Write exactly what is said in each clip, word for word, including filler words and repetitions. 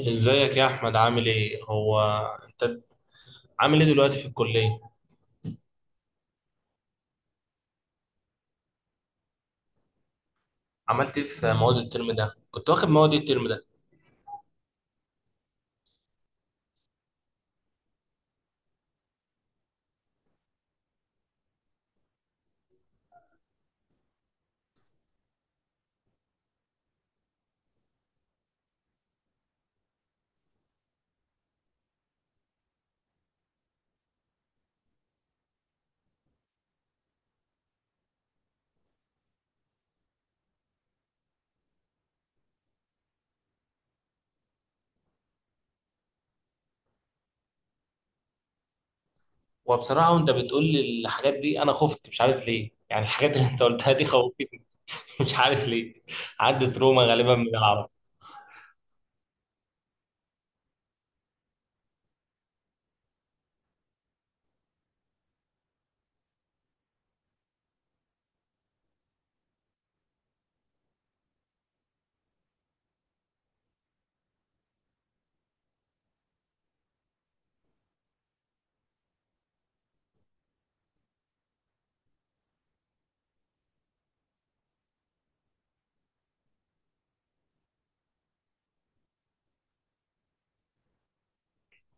ازيك يا احمد، عامل ايه؟ هو انت عامل ايه دلوقتي في الكليه؟ عملت ايه في مواد الترم ده؟ كنت واخد مواد إيه الترم ده؟ وبصراحه وانت بتقول لي الحاجات دي انا خفت، مش عارف ليه، يعني الحاجات اللي انت قلتها دي خوفتني. مش عارف ليه. عدت روما غالبا من العرب.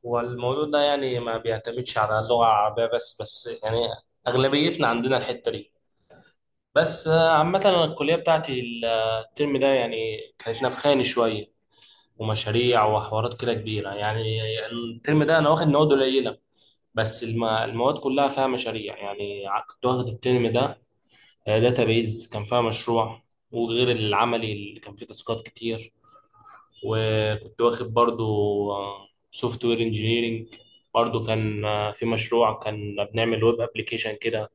والموضوع ده يعني ما بيعتمدش على اللغه العربيه بس بس يعني اغلبيتنا عندنا الحته دي. بس آه، عامه أنا الكليه بتاعتي الترم ده يعني كانت نفخاني شويه، ومشاريع وحوارات كده كبيرة يعني. الترم ده أنا واخد مواد قليلة، بس الم- المواد كلها فيها مشاريع يعني. ع- كنت واخد الترم ده داتابيز، كان فيها مشروع، وغير العملي اللي كان فيه تاسكات كتير. وكنت واخد برضو سوفت وير انجينيرنج، برضو كان آه، في مشروع، كان بنعمل ويب ابلكيشن كده،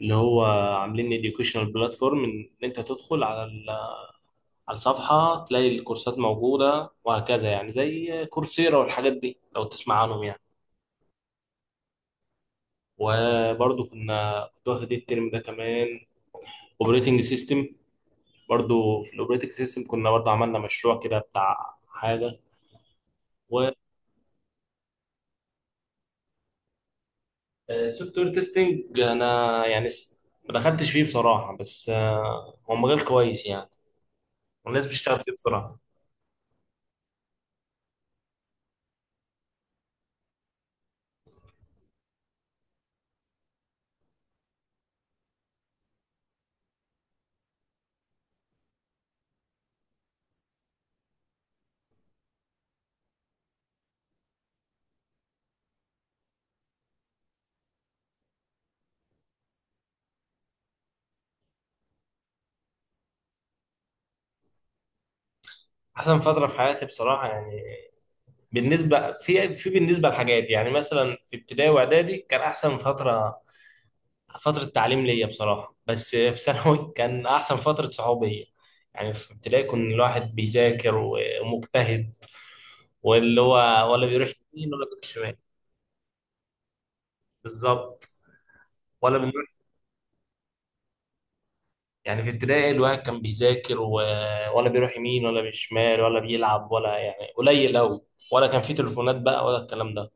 اللي هو عاملين educational بلاتفورم ان انت تدخل على على الصفحة تلاقي الكورسات موجودة وهكذا، يعني زي كورسيرا والحاجات دي لو تسمع عنهم يعني. وبرضو كنا كنت واخد الترم ده كمان اوبريتنج سيستم، برضو في الاوبريتنج سيستم كنا برضو عملنا مشروع كده بتاع حاجة. وسوفت وير تيستنج انا يعني س- ما دخلتش فيه بصراحة، بس آه، هو مجال كويس يعني، والناس بتشتغل فيه بصراحة. أحسن فترة في حياتي بصراحة يعني، بالنسبة في في بالنسبة لحاجات، يعني مثلا في ابتدائي وإعدادي كان أحسن فترة، فترة تعليم ليا بصراحة، بس في ثانوي كان أحسن فترة صحوبية. يعني في ابتدائي كان الواحد بيذاكر ومجتهد، واللي هو ولا بيروح يمين ولا بيروح شمال. بالظبط. ولا بنروح. يعني في ابتدائي الواحد كان بيذاكر و... ولا بيروح يمين ولا بيشمال ولا بيلعب، ولا يعني قليل أوي. ولا كان في تليفونات بقى ولا الكلام ده.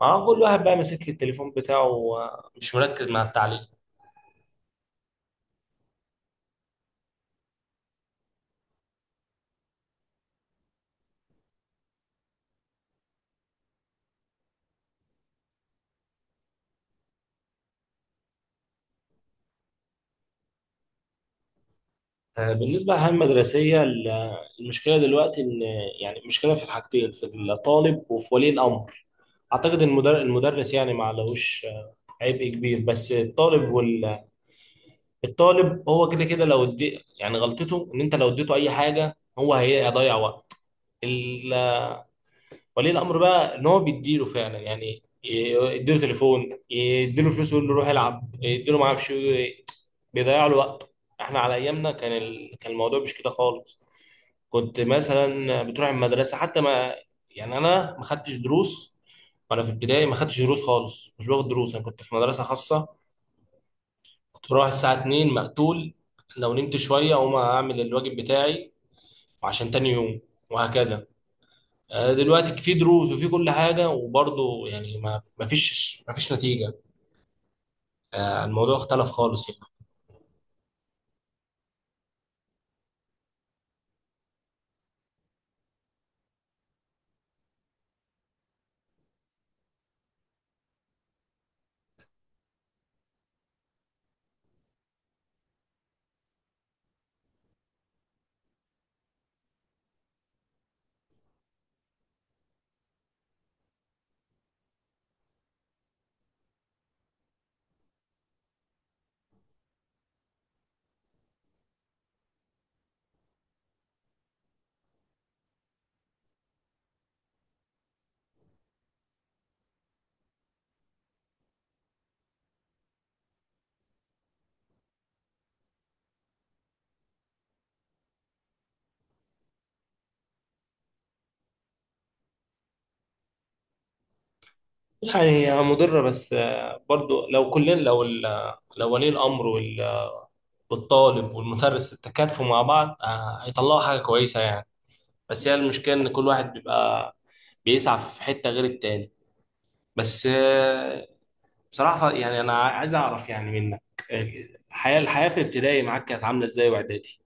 ما هو كل واحد بقى ماسك التليفون بتاعه ومش مركز مع التعليم. آه، بالنسبة للحياة المدرسية، ال- المشكلة دلوقتي إن، يعني مشكلة في الحاجتين، في الطالب وفي ولي الأمر. أعتقد إن المدر- المدرس يعني ما عليهوش عبء كبير، بس الطالب وال... الطالب هو كده كده لو ادي، يعني غلطته إن أنت لو اديته أي حاجة هو هي- هيضيع وقت. ال... ولي الأمر بقى إن هو بيديله فعلا، يعني ي- يديله تليفون، يديله فلوس ويقول له روح العب، يديله ما أعرفش إيه، بيضيع له وقته. إحنا على أيامنا كان ال... كان الموضوع مش كده خالص. كنت مثلا بتروح المدرسه حتى ما، يعني انا ما خدتش دروس، وانا في ابتدائي ما خدتش دروس خالص، مش باخد دروس. انا كنت في مدرسه خاصه، كنت بروح الساعه اتنين مقتول، لو نمت شويه اقوم اعمل الواجب بتاعي وعشان تاني يوم، وهكذا. آه، دلوقتي في دروس وفي كل حاجه، وبرضه يعني ما ما فيش ما فيش نتيجه. آه، الموضوع اختلف خالص يعني. يعني هي مضره، بس آه، برضه لو كلنا، لو ال- لو ولي الامر والطالب والمدرس تكاتفوا مع بعض، آه، هيطلعوا حاجة كويسة يعني. بس هي المشكلة إن كل واحد بيبقى بيسعى في حتة غير التاني. بس آه، بصراحة يعني أنا عايز أعرف يعني منك، آه، الحياة الحياة في ابتدائي معاك كانت عاملة إزاي وإعدادي؟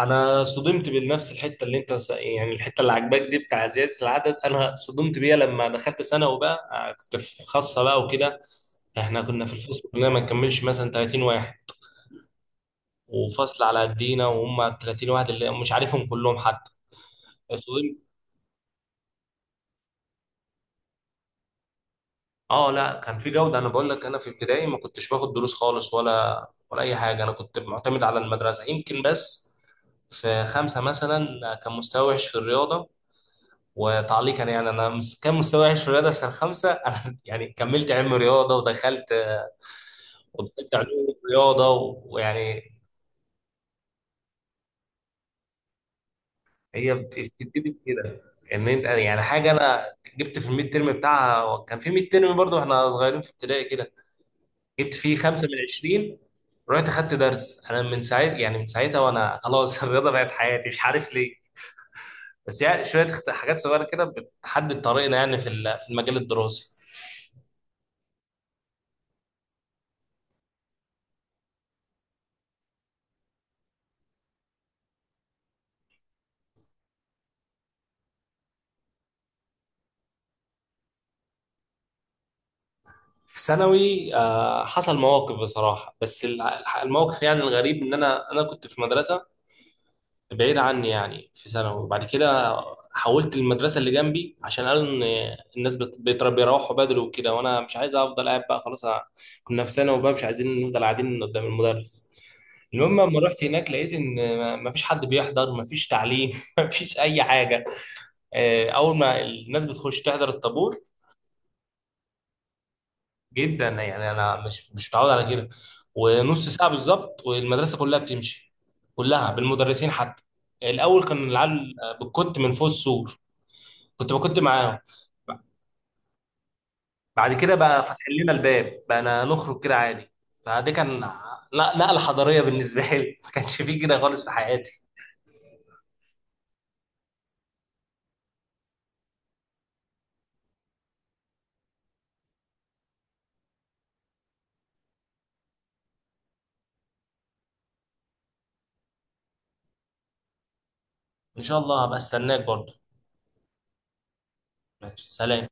أنا صدمت بنفس الحتة اللي أنت س- يعني الحتة اللي عجباك دي بتاع زيادة العدد، أنا صدمت بيها لما دخلت ثانوي بقى. آه، كنت في خاصة بقى وكده، إحنا كنا في الفصل كلنا ما نكملش مثلا تلاتين واحد، وفصل على قدينا وهم تلاتين واحد اللي مش عارفهم كلهم حتى. صدم. اه لا كان في جوده، انا بقول لك انا في ابتدائي ما كنتش باخد دروس خالص ولا ولا اي حاجه، انا كنت معتمد على المدرسه يمكن. بس في خمسه مثلا كان مستوى وحش في الرياضه، وتعليقا يعني انا مس- كان مستوى وحش في الرياضه في سنه خمسه. انا يعني كملت علم رياضه، ودخلت ودخلت علوم رياضه. ويعني هي بت- بتبتدي كده ان انت، يعني يعني حاجه انا جبت في الميد ترم بتاعها، كان في ميد ترم برضه، احنا صغيرين في ابتدائي كده، جبت فيه خمسة من عشرين. رحت خدت درس انا من ساعتها، يعني من ساعتها وانا خلاص الرياضه بقت حياتي، مش عارف ليه. بس يعني شويه اخت- حاجات صغيره كده بتحدد طريقنا يعني في ال- في المجال الدراسي. في ثانوي آه، حصل مواقف بصراحه، بس الع- الموقف يعني الغريب ان انا انا كنت في مدرسه بعيد عني يعني في ثانوي، وبعد كده حولت المدرسة اللي جنبي عشان قالوا ان الناس بت- بيتر- بيروحوا بدري وكده، وانا مش عايز افضل قاعد بقى خلاص. أنا- كنا في ثانوي وبقى مش عايزين نفضل قاعدين قدام المدرس. المهم لما رحت هناك لقيت ان ما ما فيش حد بيحضر، ما فيش تعليم، ما فيش اي حاجة. آه، اول ما الناس بتخش تحضر الطابور، جدا يعني انا مش مش متعود على كده. ونص ساعه بالظبط والمدرسه كلها بتمشي، كلها بالمدرسين حتى. الاول كان العيال بتكت من فوق السور، كنت بكت معاهم. بعد كده بقى فتح لنا الباب بقى نخرج كده عادي. فدي كان، لا نقله حضاريه بالنسبه لي، ما كانش فيه كده خالص في حياتي. ان شاء الله هبقى استناك برضه. ماشي سلام.